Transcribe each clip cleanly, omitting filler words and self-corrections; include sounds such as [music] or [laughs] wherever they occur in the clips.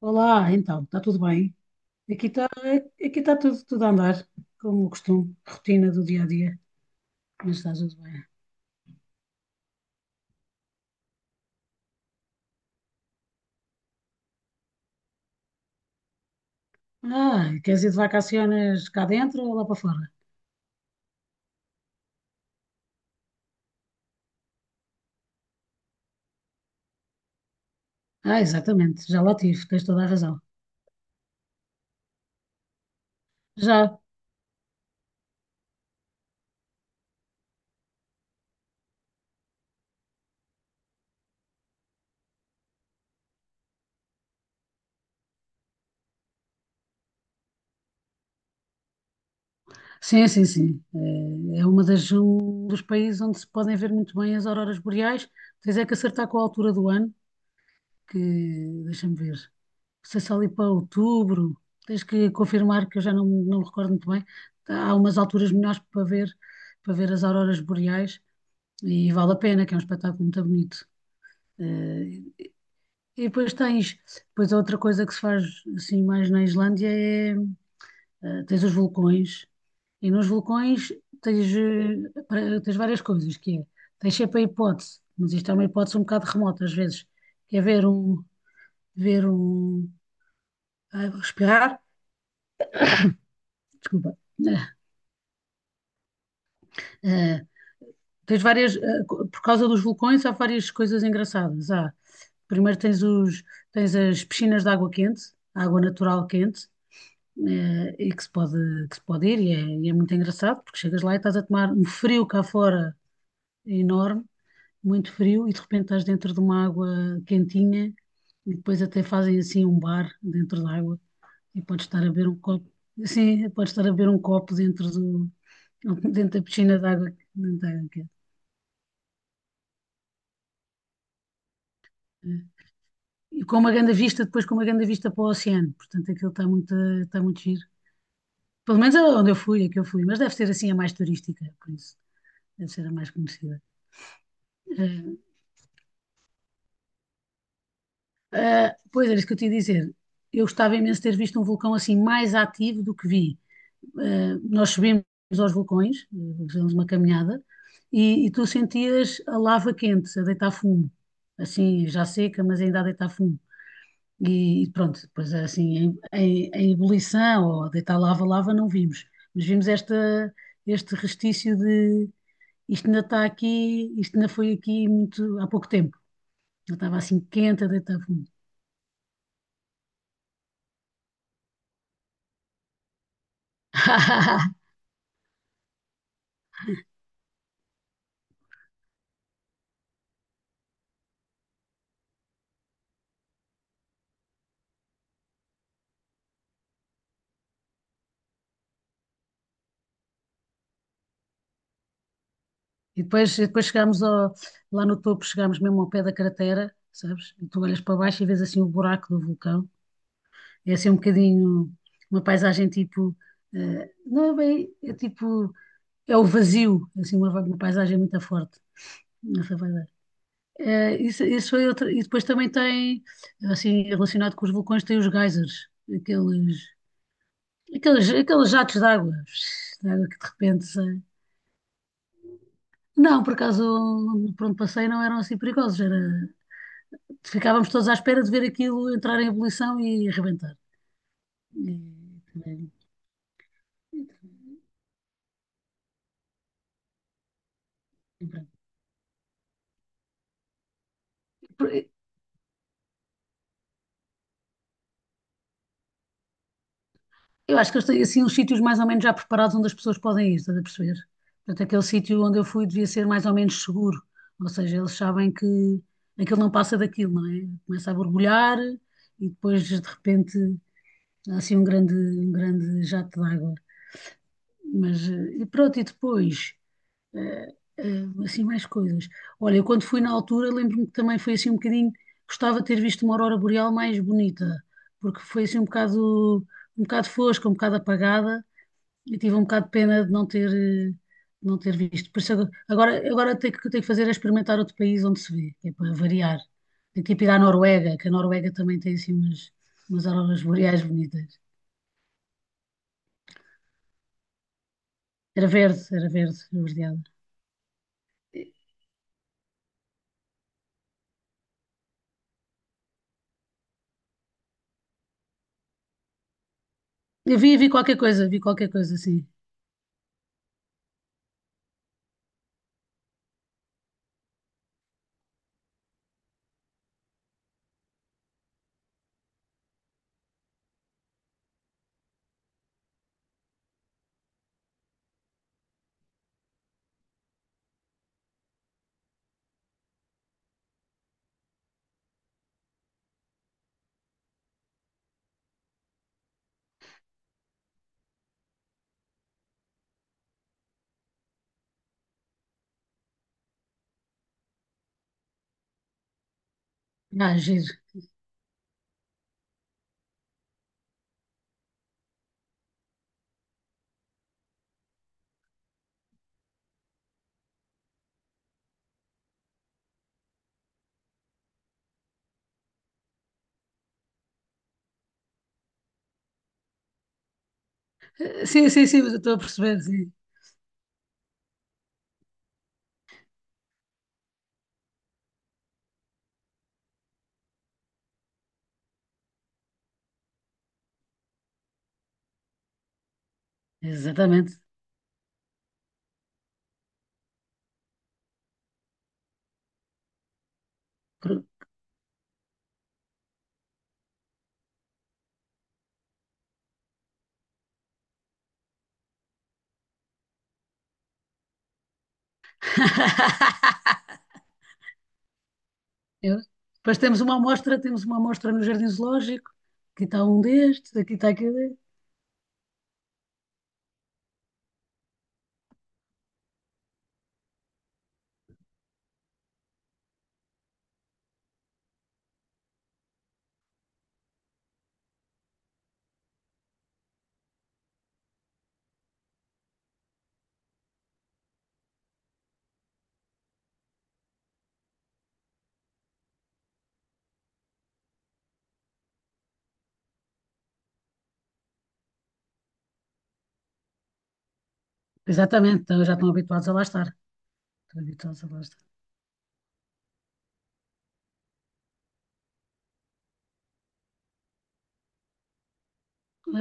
Olá, então, está tudo bem? Aqui está, aqui está tudo a andar, como o costume, rotina do dia a dia, mas está tudo bem. Ah, queres ir de vacaciones cá dentro ou lá para fora? Ah, exatamente, já lá tive, tens toda a razão. Já, sim, sim, sim. É uma das, um dos países onde se podem ver muito bem as auroras boreais, tens é que acertar com a altura do ano, que deixa-me ver. Não sei se ali para outubro, tens que confirmar que eu já não, me recordo muito bem. Há umas alturas melhores para ver as auroras boreais e vale a pena, que é um espetáculo muito bonito. Eh, E depois depois outra coisa que se faz assim mais na Islândia é, tens os vulcões e nos vulcões tens várias coisas, que é, tens sempre a hipótese, mas isto é uma hipótese um bocado remota às vezes, que é ver um, ai, vou respirar, desculpa. É, tens várias, por causa dos vulcões, há várias coisas engraçadas. Há, primeiro tens os, tens as piscinas de água quente, água natural quente, e que se pode ir, e é muito engraçado, porque chegas lá e estás a tomar um frio cá fora enorme, muito frio, e de repente estás dentro de uma água quentinha, e depois até fazem assim um bar dentro da água, e podes estar a beber um copo, assim, podes estar a beber um copo dentro do, [laughs] dentro da piscina de água quente. E com uma grande vista, depois com uma grande vista para o oceano. Portanto, aquilo está muito giro. Pelo menos é onde eu fui, é que eu fui, mas deve ser assim a mais turística, por isso. Deve ser a mais conhecida. Eh, pois era isso que eu te ia dizer. Eu gostava imenso de ter visto um vulcão assim mais ativo do que vi. Nós subimos aos vulcões, fizemos uma caminhada, e tu sentias a lava quente a deitar fumo. Assim, já seca, mas ainda a deitar fumo. E pronto, depois assim, em ebulição ou deitar lava, não vimos. Mas vimos esta, este restício de isto ainda está aqui, isto ainda foi aqui muito há pouco tempo. Eu estava assim quente a deitar fundo. [laughs] E depois chegámos lá no topo, chegámos mesmo ao pé da cratera, sabes? E tu olhas para baixo e vês assim o buraco do vulcão. É assim um bocadinho uma paisagem tipo, não é bem, é tipo, é o vazio, assim uma, paisagem muito forte. Não vai dar. É, isso foi outra. E depois também tem, assim, relacionado com os vulcões, tem os geysers, aqueles, aqueles jatos de água que de repente sai. Não, por acaso, por onde passei não eram assim perigosos, era, ficávamos todos à espera de ver aquilo entrar em ebulição e arrebentar. E também- e pronto. Eu acho que eles têm assim uns sítios mais ou menos já preparados onde as pessoas podem ir, estás a perceber? Portanto, aquele sítio onde eu fui devia ser mais ou menos seguro. Ou seja, eles sabem que aquilo não passa daquilo, não é? Começa a borbulhar e depois de repente há assim um grande, jato de água. Mas e pronto, e depois eh, assim mais coisas. Olha, eu quando fui na altura lembro-me que também foi assim um bocadinho, gostava de ter visto uma aurora boreal mais bonita, porque foi assim um bocado fosca, um bocado apagada. Eu tive um bocado de pena de não ter, de não ter visto. Por isso agora o que tenho que fazer é experimentar outro país onde se vê, que é para variar. Tenho que ir para a Noruega, que a Noruega também tem assim umas auroras boreais bonitas. Era verde, verdeada. Eu vi qualquer coisa, vi qualquer coisa assim. Ah, giro. Sim, sim, sim, mas eu estou a perceber, sim. Exatamente. Cru- [laughs] Eu- Depois temos uma amostra no Jardim Zoológico. Aqui está um destes, aqui está aquele. Exatamente, então já estão habituados a lá estar. Estão habituados a lá estar.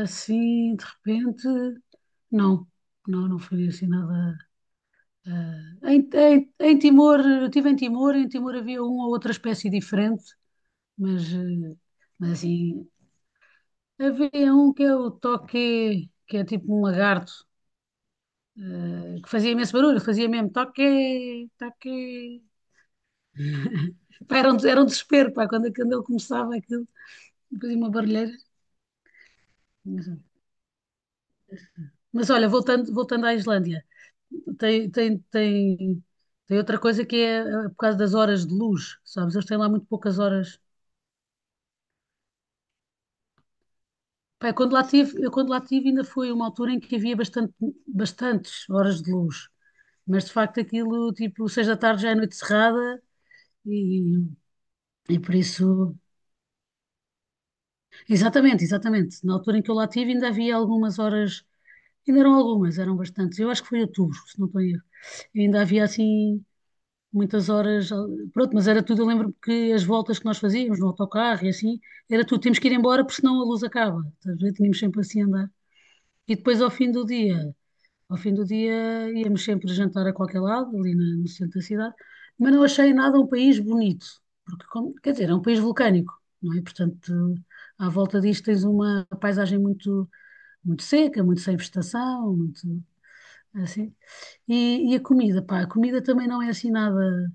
Assim, de repente, não, não, não foi assim nada. Em Timor, eu estive em Timor havia uma ou outra espécie diferente, mas, eh, mas assim, havia um que é o toque, que é tipo um lagarto, que fazia imenso barulho, fazia mesmo toque, toque. Pá, era um desespero, pá, quando ele começava aquilo, fazia uma barulheira. Mas olha, voltando à Islândia. tem, tem, tem, tem outra coisa que é por causa das horas de luz, sabes? Eles têm lá muito poucas horas. Pá, eu quando lá tive ainda foi uma altura em que havia bastante, bastantes horas de luz, mas de facto aquilo, tipo, 6 da tarde já é noite cerrada e, e por isso... Exatamente, exatamente. Na altura em que eu lá tive ainda havia algumas horas, ainda eram algumas, eram bastantes. Eu acho que foi outubro, se não estou a erro. Ainda havia assim muitas horas, ah, pronto, mas era tudo, eu lembro-me que as voltas que nós fazíamos no autocarro e assim, era tudo, temos que ir embora porque senão a luz acaba, estás a ver? Tínhamos sempre assim a andar. E depois ao fim do dia, ao fim do dia íamos sempre jantar a qualquer lado, ali no centro da cidade, mas não achei nada um país bonito, porque, quer dizer, é um país vulcânico, não é? Portanto, à volta disto tens uma paisagem muito, muito seca, muito sem vegetação, muito assim. E a comida, pá, a comida também não é assim nada.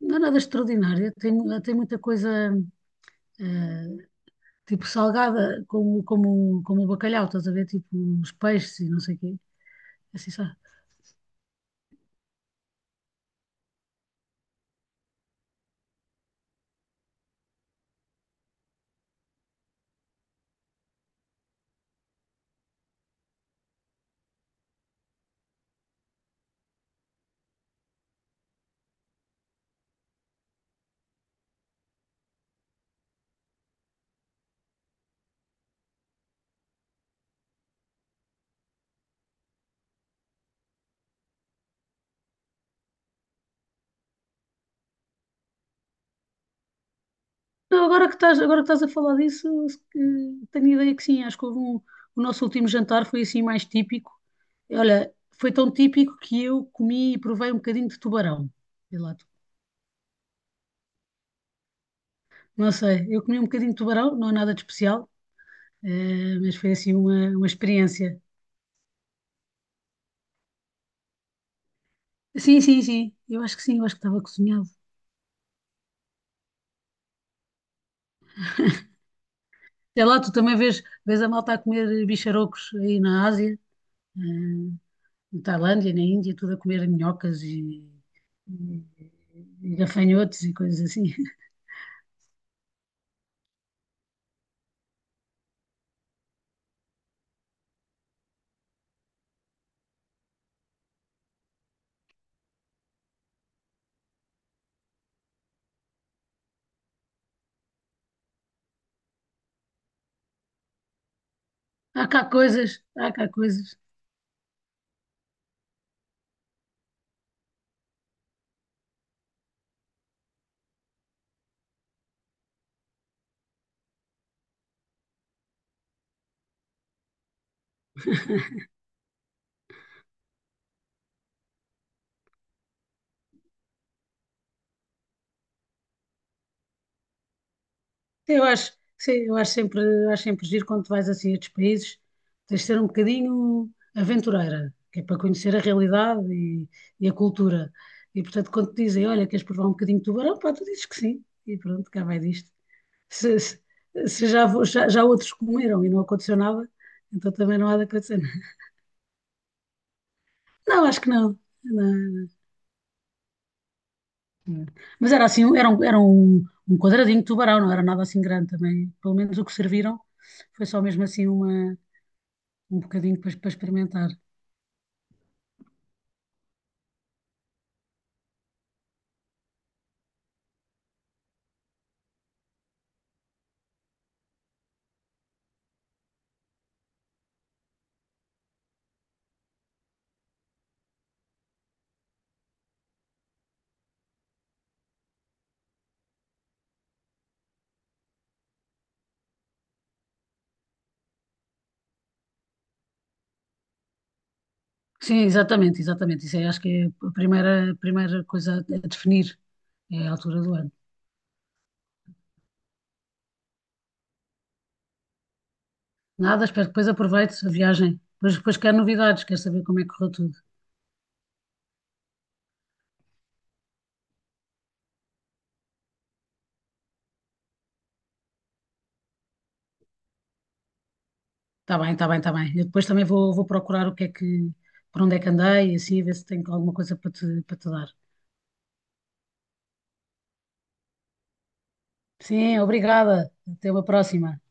Não é nada extraordinário. Tem muita coisa, eh, tipo salgada, como o bacalhau, estás a ver? Tipo os peixes e não sei o quê. É assim, sabe? Não, agora que estás a falar disso, se que- tenho ideia que sim. Acho que houve um, o nosso último jantar foi assim mais típico. Olha, foi tão típico que eu comi e provei um bocadinho de tubarão. Sei lá, não sei, eu comi um bocadinho de tubarão, não é nada de especial, mas foi assim uma experiência. Sim, sim, sim. Eu acho que sim, eu acho que estava cozinhado. Sei lá, tu também vês a malta a comer bicharocos aí na Ásia, eh, na Tailândia, na Índia, tudo a comer minhocas e, e gafanhotos e coisas assim. [laughs] Há cá coisas, há cá coisas. Sim, eu acho, sim, eu acho sempre giro quando tu vais assim a estes países, tens de ser um bocadinho aventureira, que é para conhecer a realidade e a cultura. E portanto, quando te dizem, olha, queres provar um bocadinho de tubarão, pá, tu dizes que sim, e pronto, cá vai disto. Se, se- se já outros comeram e não aconteceu nada, então também não há de acontecer. Não, acho que não. Não, não. Mas era assim, um quadradinho de tubarão, não era nada assim grande também. Pelo menos o que serviram foi só mesmo assim uma um bocadinho depois para experimentar. Sim, exatamente, exatamente. Isso aí acho que é a primeira coisa a definir, é a altura do ano. Nada, espero que depois aproveite a viagem. Depois quero novidades, quero saber como é que correu tudo. Está bem, está bem, está bem. Eu depois também vou procurar o que é que, por onde é que andei e assim, ver se tenho alguma coisa para te, dar. Sim, obrigada. Até uma próxima.